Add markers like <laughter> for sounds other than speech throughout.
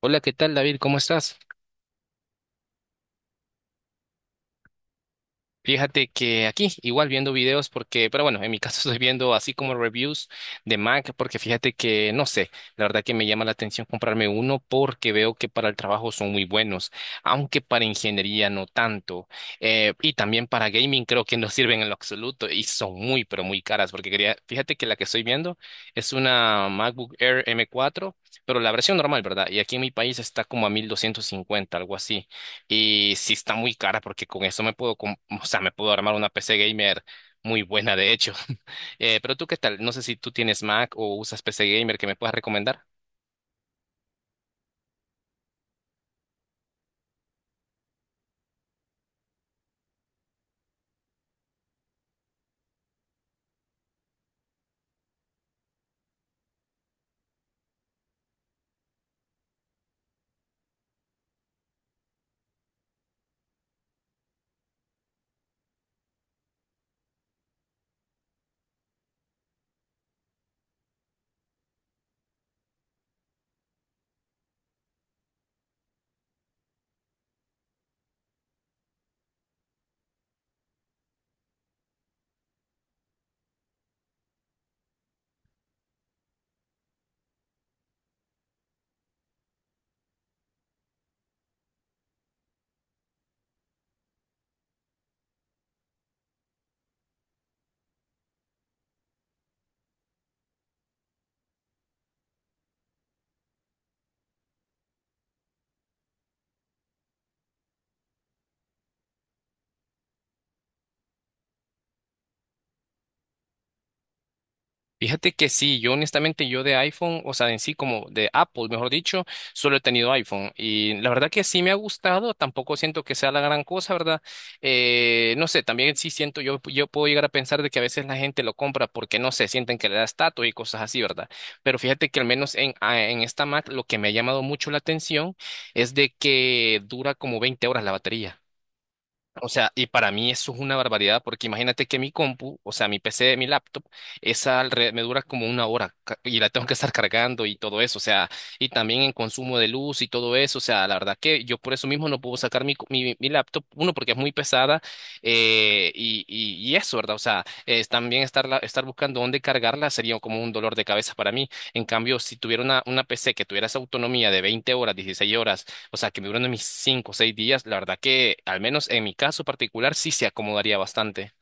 Hola, ¿qué tal, David? ¿Cómo estás? Fíjate que aquí, igual viendo videos, pero bueno, en mi caso <laughs> estoy viendo así como reviews de Mac, porque fíjate que, no sé, la verdad que me llama la atención comprarme uno porque veo que para el trabajo son muy buenos, aunque para ingeniería no tanto. Y también para gaming creo que no <laughs> sirven en lo absoluto y son muy, pero muy caras, porque quería, fíjate que la que estoy viendo es una MacBook Air M4, pero la versión normal, ¿verdad? Y aquí en mi país está como a 1250, algo así. Y sí está muy cara porque con eso me puedo, o sea, me puedo armar una PC gamer muy buena, de hecho. <laughs> Pero tú, ¿qué tal? No sé si tú tienes Mac o usas PC gamer que me puedas recomendar. Fíjate que sí, yo honestamente yo de iPhone, o sea, en sí como de Apple, mejor dicho, solo he tenido iPhone y la verdad que sí me ha gustado, tampoco siento que sea la gran cosa, ¿verdad? No sé, también sí siento, yo puedo llegar a pensar de que a veces la gente lo compra porque, no sé, sienten que le da estatus y cosas así, ¿verdad? Pero fíjate que al menos en esta Mac lo que me ha llamado mucho la atención es de que dura como 20 horas la batería. O sea, y para mí eso es una barbaridad, porque imagínate que mi compu, o sea, mi PC, mi laptop, esa me dura como una hora y la tengo que estar cargando y todo eso, o sea, y también en consumo de luz y todo eso, o sea, la verdad que yo por eso mismo no puedo sacar mi, mi laptop, uno, porque es muy pesada, y eso, ¿verdad? O sea, es también estar buscando dónde cargarla sería como un dolor de cabeza para mí. En cambio, si tuviera una PC que tuviera esa autonomía de 20 horas, 16 horas, o sea, que me duran a mis 5 o 6 días, la verdad que, al menos en mi caso particular, sí se acomodaría bastante.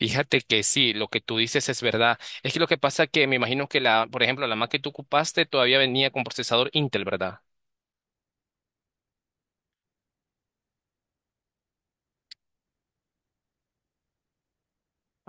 Fíjate que sí, lo que tú dices es verdad. Es que lo que pasa es que me imagino que la, por ejemplo, la Mac que tú ocupaste todavía venía con procesador Intel, ¿verdad?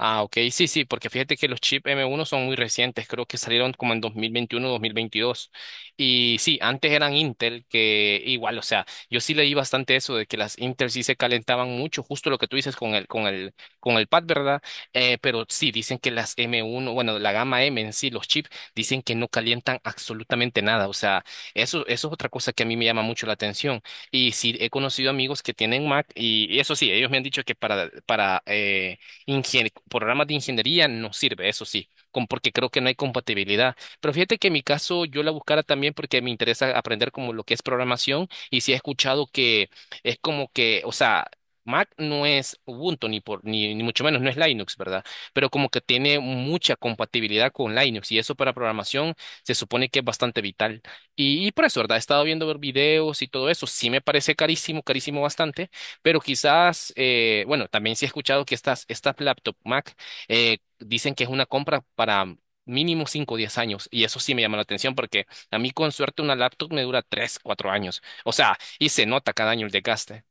Ah, ok, sí, sí, porque fíjate que los chips M1 son muy recientes, creo que salieron como en dos mil veintiuno, 2022. Y sí, antes eran Intel, que igual, o sea, yo sí leí bastante eso de que las Intel sí se calentaban mucho, justo lo que tú dices con el, con el pad, ¿verdad? Pero sí, dicen que las M1, bueno, la gama M en sí, los chips, dicen que no calientan absolutamente nada. O sea, eso es otra cosa que a mí me llama mucho la atención. Y sí, he conocido amigos que tienen Mac y eso sí, ellos me han dicho que programas de ingeniería no sirve, eso sí, porque creo que no hay compatibilidad. Pero fíjate que en mi caso yo la buscara también porque me interesa aprender como lo que es programación y sí he escuchado que es como que, o sea, Mac no es Ubuntu ni por ni, ni mucho menos no es Linux, ¿verdad? Pero como que tiene mucha compatibilidad con Linux y eso para programación se supone que es bastante vital. Y por eso, ¿verdad? He estado viendo videos y todo eso, sí me parece carísimo, carísimo bastante pero quizás, bueno, también sí he escuchado que estas laptop Mac dicen que es una compra para mínimo 5 o 10 años. Y eso sí me llama la atención porque a mí con suerte una laptop me dura 3 4 años. O sea, y se nota cada año el desgaste.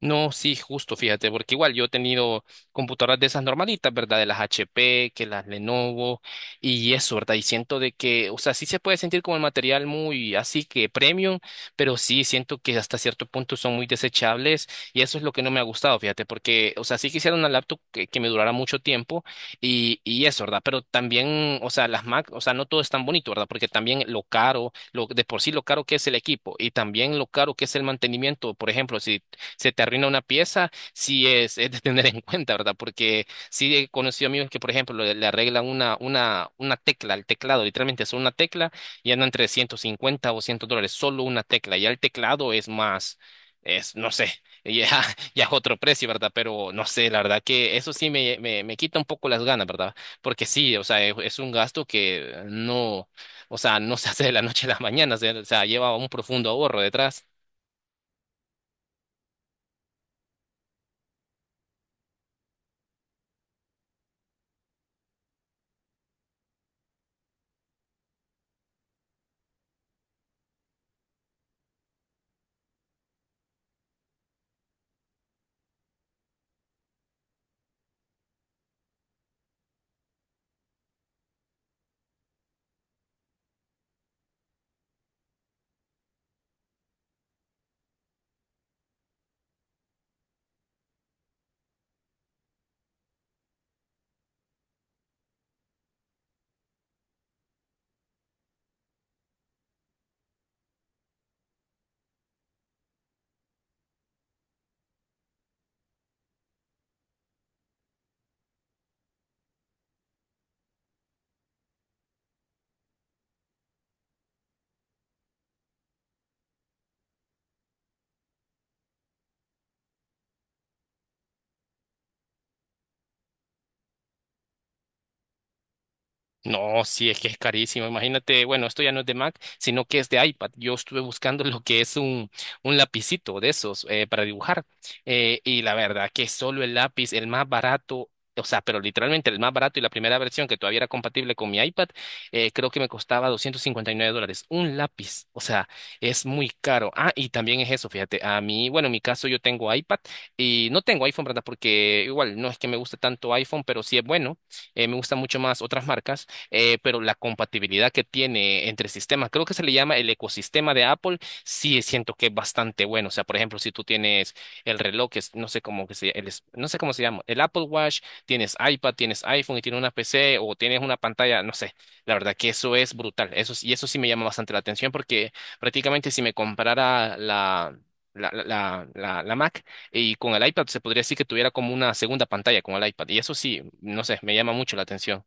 No, sí, justo, fíjate, porque igual yo he tenido computadoras de esas normalitas, ¿verdad? De las HP, que las Lenovo y eso, ¿verdad? Y siento de que, o sea, sí se puede sentir como el material muy así que premium, pero sí siento que hasta cierto punto son muy desechables y eso es lo que no me ha gustado, fíjate, porque, o sea, sí quisiera una laptop que me durara mucho tiempo y eso, ¿verdad? Pero también, o sea, las Mac, o sea, no todo es tan bonito, ¿verdad? Porque también lo caro, lo, de por sí lo caro que es el equipo y también lo caro que es el mantenimiento, por ejemplo, si se te arruina una pieza, sí es de tener en cuenta, ¿verdad? Porque sí he conocido amigos que, por ejemplo, le arreglan una tecla al teclado, literalmente solo una tecla, y andan entre 150 o $100, solo una tecla. Ya el teclado es más, no sé, ya, <laughs> ya es otro precio, ¿verdad? Pero no sé, la verdad que eso sí me quita un poco las ganas, ¿verdad? Porque sí, o sea, es un gasto que no, o sea, no <laughs> se hace de la noche a la mañana, o sea, lleva un profundo ahorro detrás. No, sí, es que es carísimo. Imagínate, bueno, esto ya no es de Mac, sino que es de iPad. Yo estuve buscando <laughs> lo que es un lapicito de esos para dibujar. Y la verdad que solo el lápiz, el más barato, o sea, pero literalmente el más barato y la primera versión que todavía era compatible con mi iPad, creo que me costaba $259. Un lápiz, o sea, es muy caro. Ah, y también es eso, fíjate, a mí, bueno, en mi caso yo tengo iPad y no tengo iPhone, ¿verdad? Porque igual no es que me guste tanto iPhone, pero sí es bueno. Me gustan mucho más otras marcas pero la compatibilidad que tiene entre sistemas, creo que se le llama el ecosistema de Apple, sí siento que es bastante bueno. O sea, por ejemplo, si tú tienes el reloj, que no sé cómo que se, el no sé cómo se llama, el Apple Watch, tienes iPad, tienes iPhone y tienes una PC o tienes una pantalla, no sé. La verdad que eso es brutal. Eso, y eso sí me llama bastante la atención porque prácticamente si me comprara la Mac y con el iPad se podría decir que tuviera como una segunda pantalla con el iPad y eso sí, no sé, me llama mucho la atención.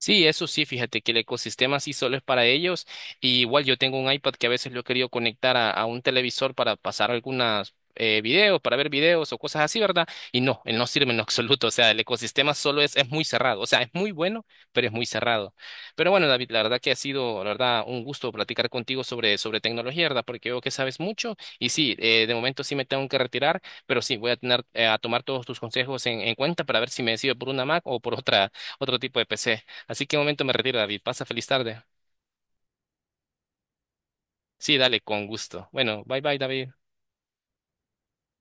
Sí, eso sí, fíjate que el ecosistema sí solo es para ellos. Y igual yo tengo un iPad que a veces lo he querido conectar a un televisor para pasar algunas videos, para ver videos o cosas así, ¿verdad? Y no, él no sirve en <laughs> lo absoluto. O sea, el ecosistema solo es muy cerrado. O sea, es muy bueno, pero es muy cerrado. Pero bueno, David, la verdad que ha sido, la verdad, un gusto platicar contigo sobre tecnología, ¿verdad? Porque veo que sabes mucho. Y sí, de momento sí me tengo que retirar, pero sí, voy a tomar todos tus consejos en cuenta para ver si me decido por una Mac o por otra, otro tipo de PC. Así que un momento me retiro, David. Pasa feliz tarde. Sí, dale, con gusto. Bueno, bye bye, David.